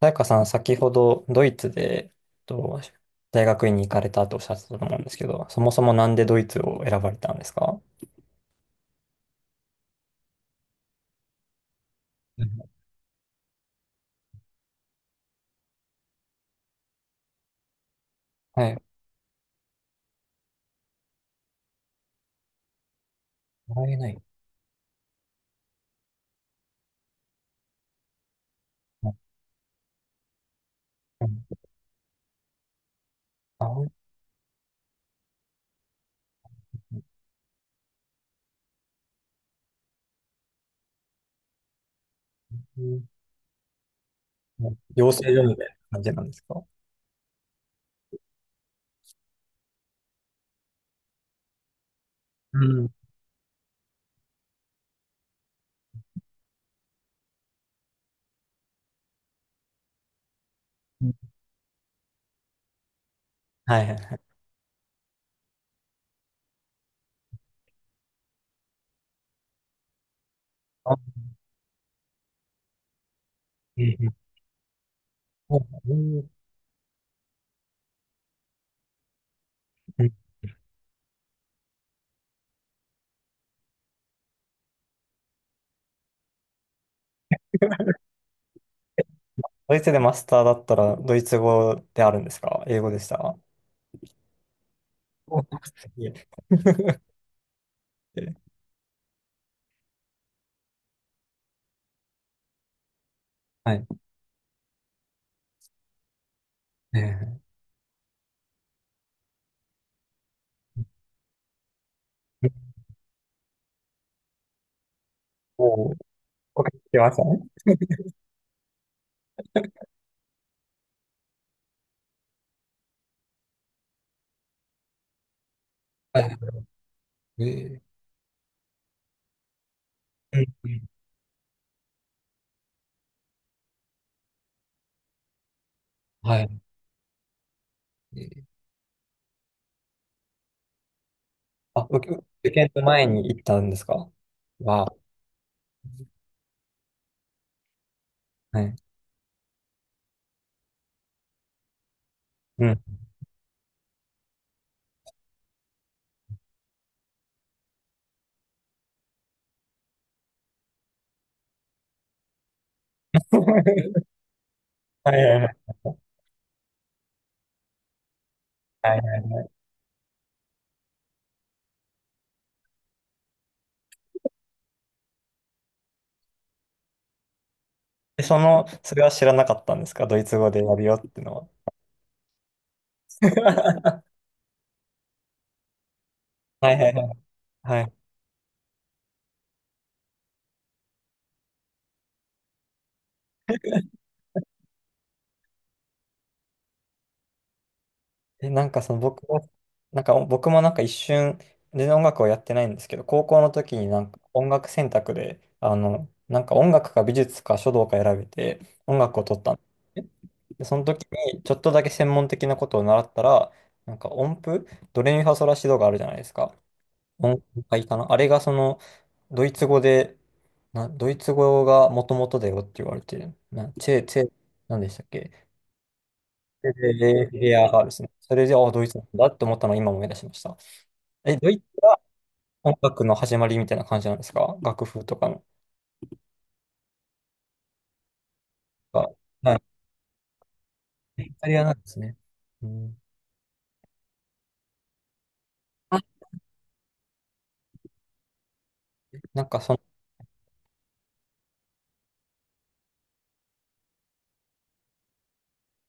さやかさん、先ほどドイツで、と、大学院に行かれたっておっしゃってたと思うんですけど、そもそもなんでドイツを選ばれたんですか？うん。はい。もらえない。うん。あ、うん。うん。養成所みたいな感じなんですか？うん。うん。はいはいはい。あ。うん。うん。うん。ドイツでマスターだったら、ドイツ語であるんですか英語でした？お。いえ。 はい。えー。おお。わかけてましたね。はい。えー。うんうん。はい。えー。あ、受け、受験の前に行ったんですか？わ。あ、はい。うん。はいはいはい。はいはいはい。で、その、それは知らなかったんですかドイツ語でやるよってのは。はいはいはい。はい。え、なんかその僕も、なんか僕もなんか一瞬、全然音楽をやってないんですけど、高校の時になんか音楽選択で、なんか音楽か美術か書道か選べて、音楽を取ったんですね。で、その時に、ちょっとだけ専門的なことを習ったら、なんか音符、ドレミファソラシドがあるじゃないですか。音符がいいかな。あれがその、ドイツ語で、な、ドイツ語がもともとだよって言われてる。な、チェ、チェ、なんでしたっけ？で、レレアがあるですね。それで、あ、ドイツなんだって思ったのを今思い出しました。え、ドイツが音楽の始まりみたいな感じなんですか楽譜とかの。が。はい。イタリアなんですね。うん。なんかその、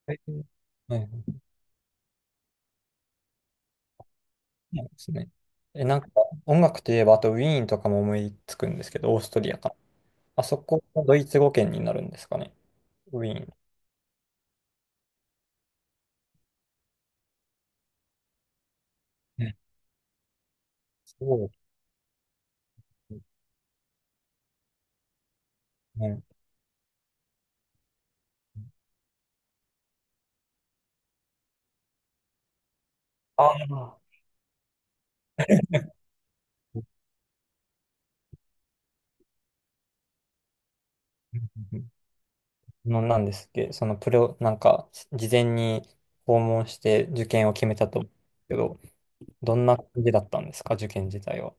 はい。そうですね。え、なんか音楽といえば、あとウィーンとかも思いつくんですけど、オーストリアか。あそこもドイツ語圏になるんですかね。ウィーン。ね。そうですね。ああ。うんうんうん。の、なんですっけ、そのプロ、なんか、事前に訪問して受験を決めたと思うんですけど、どんな感じだったんですか、受験自体は。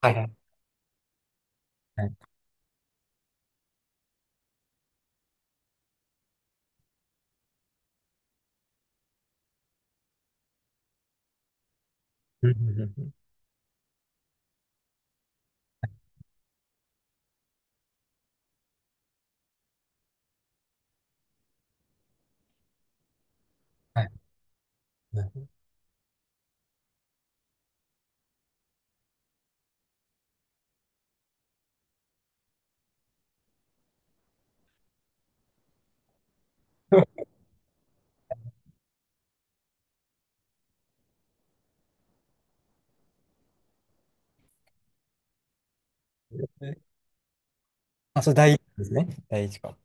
はいはい。はい。うんうんうんうん。はいはい。 あ、それ第一ですね。第一か。は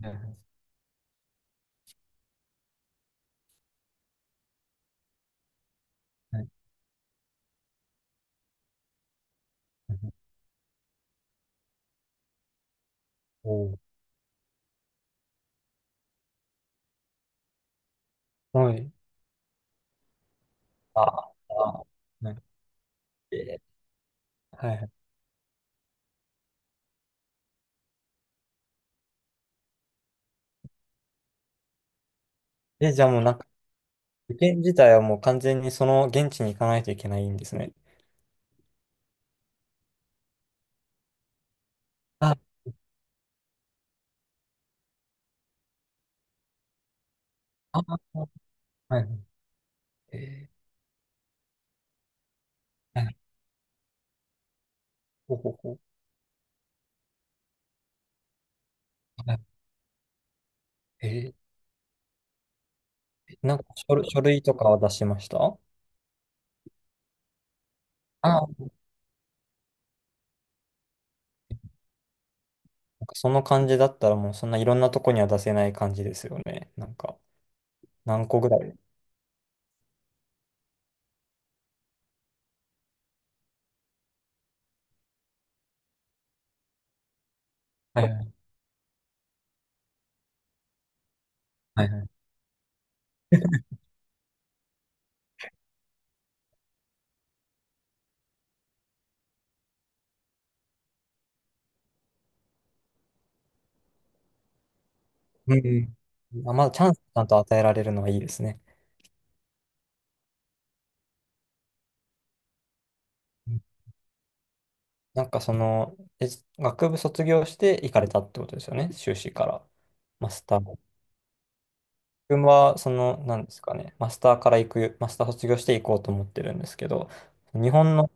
いはいはい。 おー。はい。ああ、ああ。なんか。えー。はいはい。え、じゃあもうなんか、受験自体はもう完全にその現地に行かないといけないんですね。あ、あ、はいはい。えー、はい。ほうほうほう。はい。えー、なんか書類、書類とかは出しましたあ？なんかその感じだったらもうそんないろんなとこには出せない感じですよね。なんか、何個ぐらい。はいはい。はいはい。うんうん。あ、まだチャンスちゃんと与えられるのはいいですね。なんかその、え、学部卒業して行かれたってことですよね、修士から。マスター。僕は、その、なんですかね、マスターから行く、マスター卒業して行こうと思ってるんですけど、日本の、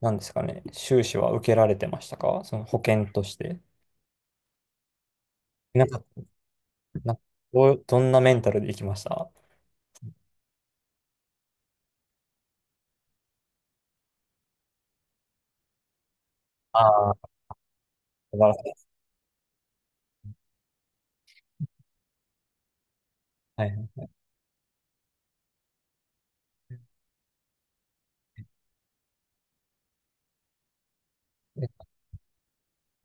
なんですかね、修士は受けられてましたかその保険として。なんか、なんかどう、どんなメンタルで行きました？ああー、素晴らしいです。はいはい。え。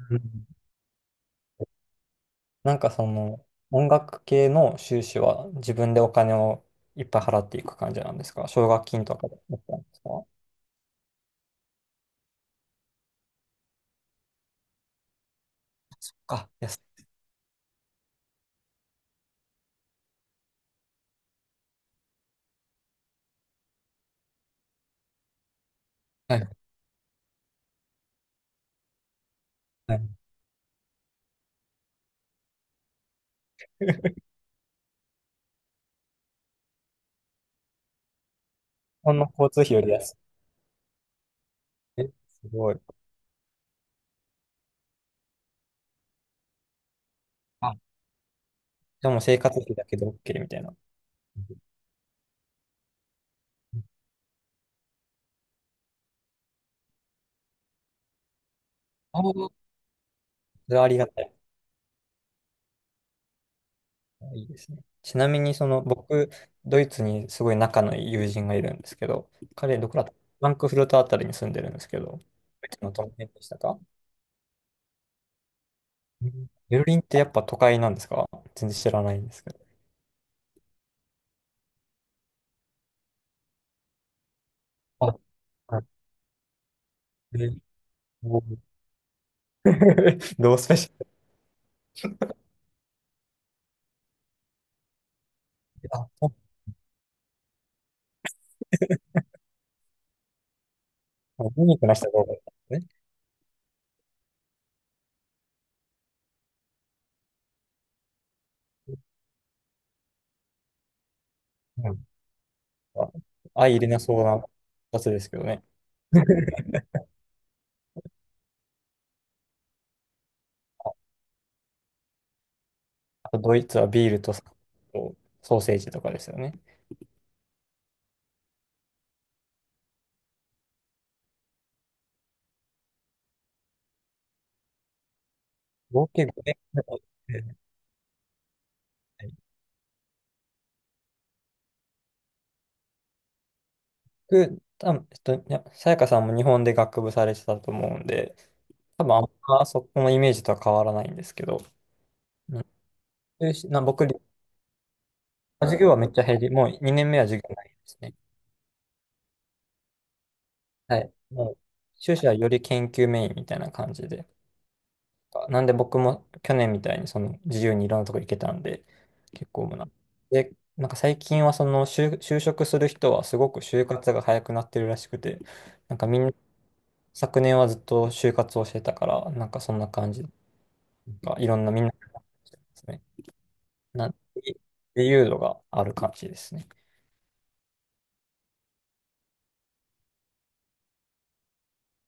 うん。なんかその、音楽系の修士は自分でお金をいっぱい払っていく感じなんですか奨学金とかだったんですか？あ、安い。はい。はい。日本の交通費より安い。え、すごい。あ、でも生活費だけで OK みたいな。ああ、それはありがたい。いいですね。ちなみに、その、僕、ドイツにすごい仲のいい友人がいるんですけど、彼、どこだったフランクフルトあたりに住んでるんですけど、ドイツのどの辺でしたか？うん。ベルリンってやっぱ都会なんですか？全然知らないんですけど。あ、はい。えー。おー。 どうスペシャル。あ、そう、ユニークな人が多かったんですね。あ、相入れなそうなやつですけどね。あとドイツはビールとソーセージとかですよね。合計5年。はい。僕、多分いやさやかさんも日本で学部されてたと思うんで、多分あんまそこのイメージとは変わらないんですけど、うん。修士な僕、授業はめっちゃ減り、もう2年目は授業ないですね。はい。もう、修士はより研究メインみたいな感じで。なんで僕も去年みたいにその自由にいろんなとこ行けたんで、結構もうな。で、なんか最近はその就、就職する人はすごく就活が早くなってるらしくて、なんかみんな昨年はずっと就活をしてたから、なんかそんな感じ、なんかいろんなみんなですね。なんで自由度がある感じですね。